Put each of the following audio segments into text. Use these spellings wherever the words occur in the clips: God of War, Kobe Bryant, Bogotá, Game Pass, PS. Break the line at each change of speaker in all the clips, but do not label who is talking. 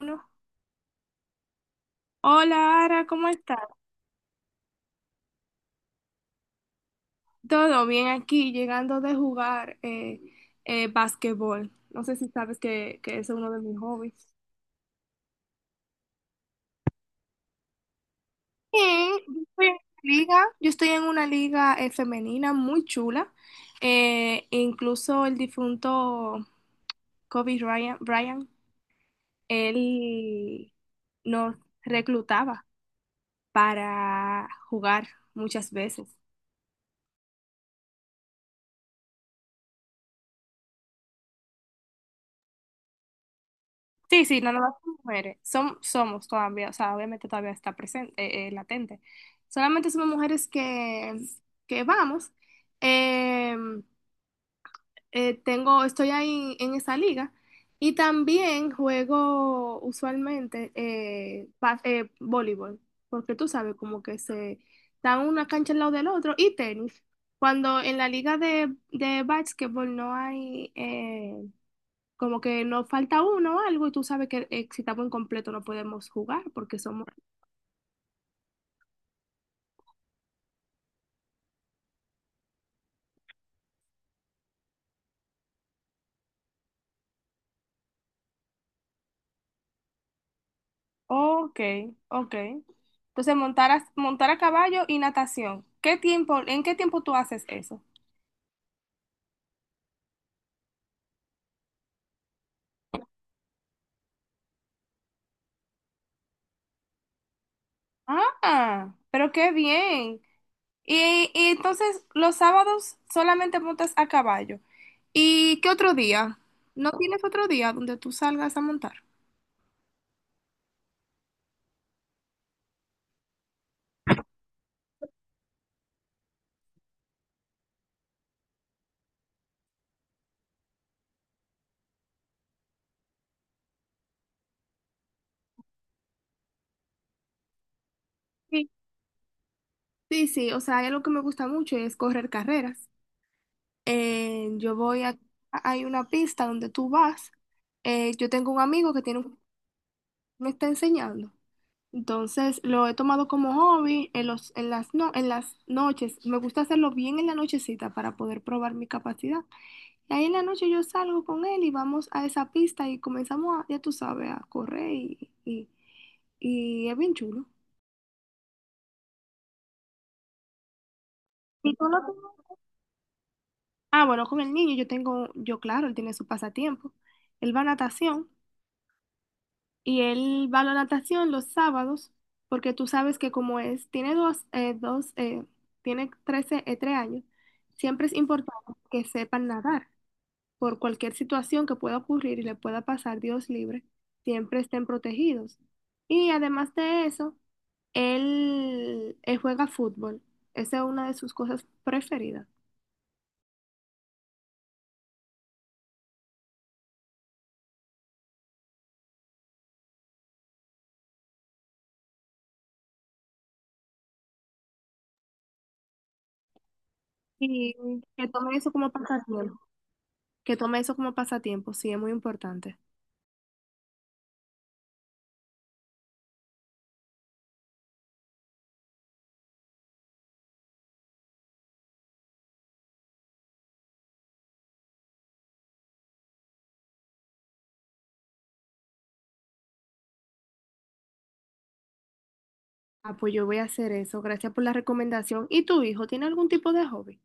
Uno. Hola, Ara, ¿cómo estás? Todo bien aquí, llegando de jugar basquetbol. No sé si sabes que es uno de mis hobbies. Sí, yo estoy en yo estoy en una liga, femenina muy chula. Incluso el difunto Kobe Bryant, él nos reclutaba para jugar muchas veces. Sí, sí, no nomás como mujeres. Somos todavía, o sea, obviamente todavía está presente, latente. Solamente somos mujeres que vamos. Eh, Estoy ahí en esa liga. Y también juego usualmente voleibol, porque tú sabes, como que se dan una cancha al lado del otro, y tenis. Cuando en la liga de básquetbol no hay, como que nos falta uno o algo y tú sabes que si estamos incompleto no podemos jugar porque somos. Ok, ok. Entonces, montar a caballo y natación. ¿En qué tiempo tú haces eso? Ah, pero qué bien. Y entonces, los sábados solamente montas a caballo. ¿Y qué otro día? ¿No tienes otro día donde tú salgas a montar? Sí, sí, sí, o sea, hay algo que me gusta mucho y es correr carreras. eh, yo voy a, Hay una pista donde tú vas, yo tengo un amigo que me está enseñando. Entonces lo he tomado como hobby en los, en las, no, en las noches. Me gusta hacerlo bien en la nochecita para poder probar mi capacidad. Y ahí en la noche yo salgo con él y vamos a esa pista y comenzamos a, ya tú sabes, a correr y es bien chulo. ¿Y tú lo tienes? Ah, bueno, con el niño yo tengo, yo claro, él tiene su pasatiempo. Él va a natación. Y él va a la natación los sábados, porque tú sabes que como es, tiene dos, tiene 13 3 años, siempre es importante que sepan nadar. Por cualquier situación que pueda ocurrir y le pueda pasar, Dios libre, siempre estén protegidos. Y además de eso, él juega fútbol. Esa es una de sus cosas preferidas. Y que tome eso como pasatiempo. Que tome eso como pasatiempo, sí, es muy importante. Ah, pues yo voy a hacer eso. Gracias por la recomendación. ¿Y tu hijo tiene algún tipo de hobby?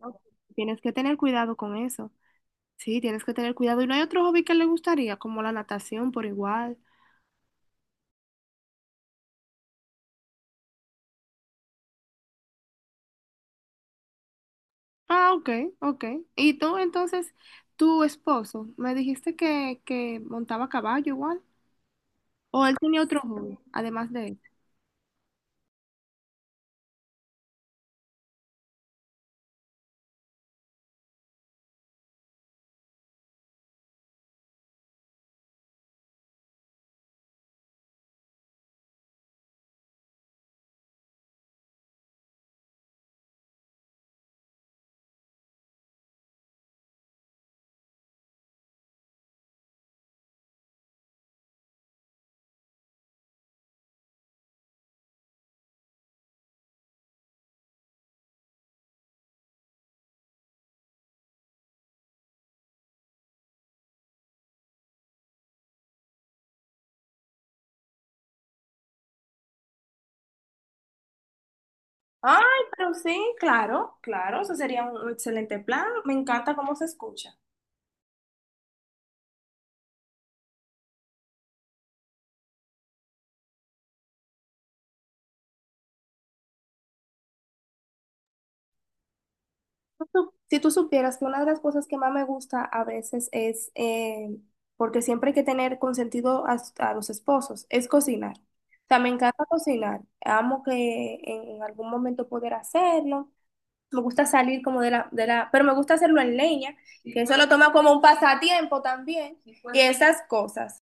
No. Tienes que tener cuidado con eso. Sí, tienes que tener cuidado. ¿Y no hay otro hobby que le gustaría, como la natación por igual? Ah, ok, ok. ¿Y tú entonces, tu esposo, me dijiste que montaba caballo igual? ¿O él tenía otro hobby, además de eso? Ay, pero sí, claro, claro, eso sería un excelente plan. Me encanta cómo se escucha. Si tú supieras que una de las cosas que más me gusta a veces es, porque siempre hay que tener consentido a los esposos, es cocinar. O sea, me encanta cocinar. Amo que en algún momento poder hacerlo. Me gusta salir como pero me gusta hacerlo en leña, que eso lo toma como un pasatiempo también, y esas cosas.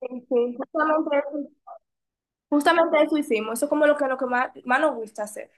Sí, sí, justamente eso hicimos. Eso es como lo que más, más nos gusta hacer.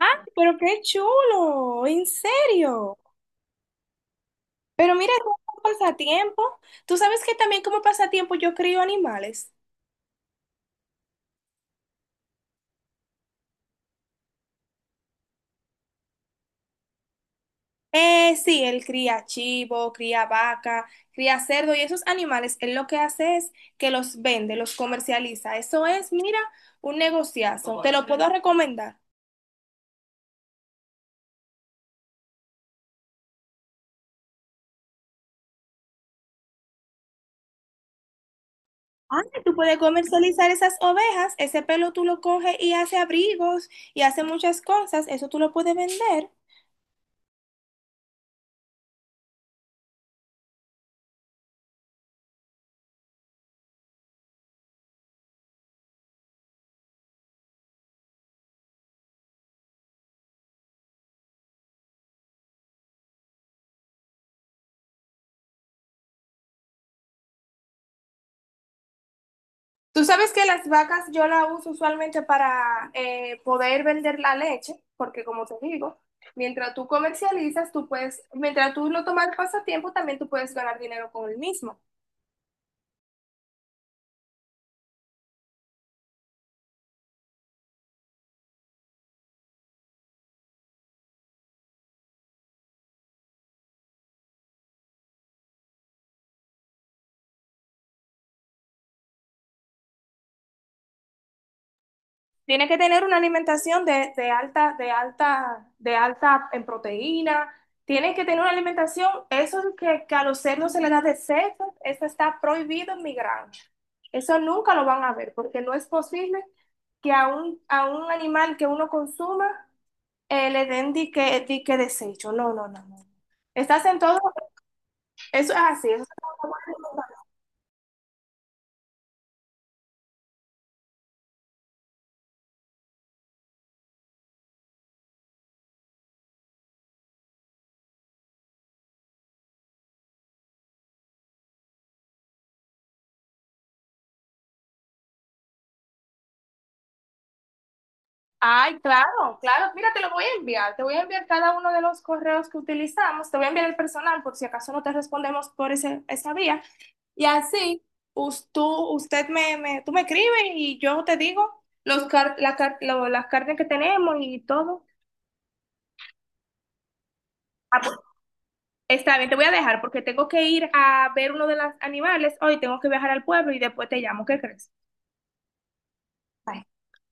Ah, pero qué chulo, en serio. Pero mira, como pasatiempo, tú sabes que también como pasatiempo yo crío animales. Sí, él cría chivo, cría vaca, cría cerdo y esos animales, él lo que hace es que los vende, los comercializa. Eso es, mira, un negociazo. Te lo puedo recomendar. Ah, tú puedes comercializar esas ovejas, ese pelo tú lo coges y hace abrigos y hace muchas cosas, eso tú lo puedes vender. Tú sabes que las vacas yo las uso usualmente para poder vender la leche, porque como te digo, mientras tú comercializas, mientras tú lo tomas pasatiempo, también tú puedes ganar dinero con el mismo. Tienes que tener una alimentación de alta en proteína. Tienes que tener una alimentación, eso que a los cerdos se les da de seco, eso está prohibido en mi granja. Eso nunca lo van a ver, porque no es posible que a un animal que uno consuma, le den di que desecho. No, no, no, no. Estás en todo, eso es así. Eso es todo. Ay, claro, claro. Mira, te lo voy a enviar. Te voy a enviar cada uno de los correos que utilizamos. Te voy a enviar el personal por si acaso no te respondemos por esa vía. Y así, us- tú, tú me escribes y yo te digo los car- la car- lo- las carnes que tenemos y todo. Ah, pues, está bien, te voy a dejar porque tengo que ir a ver uno de los animales hoy. Tengo que viajar al pueblo y después te llamo. ¿Qué crees? Bye.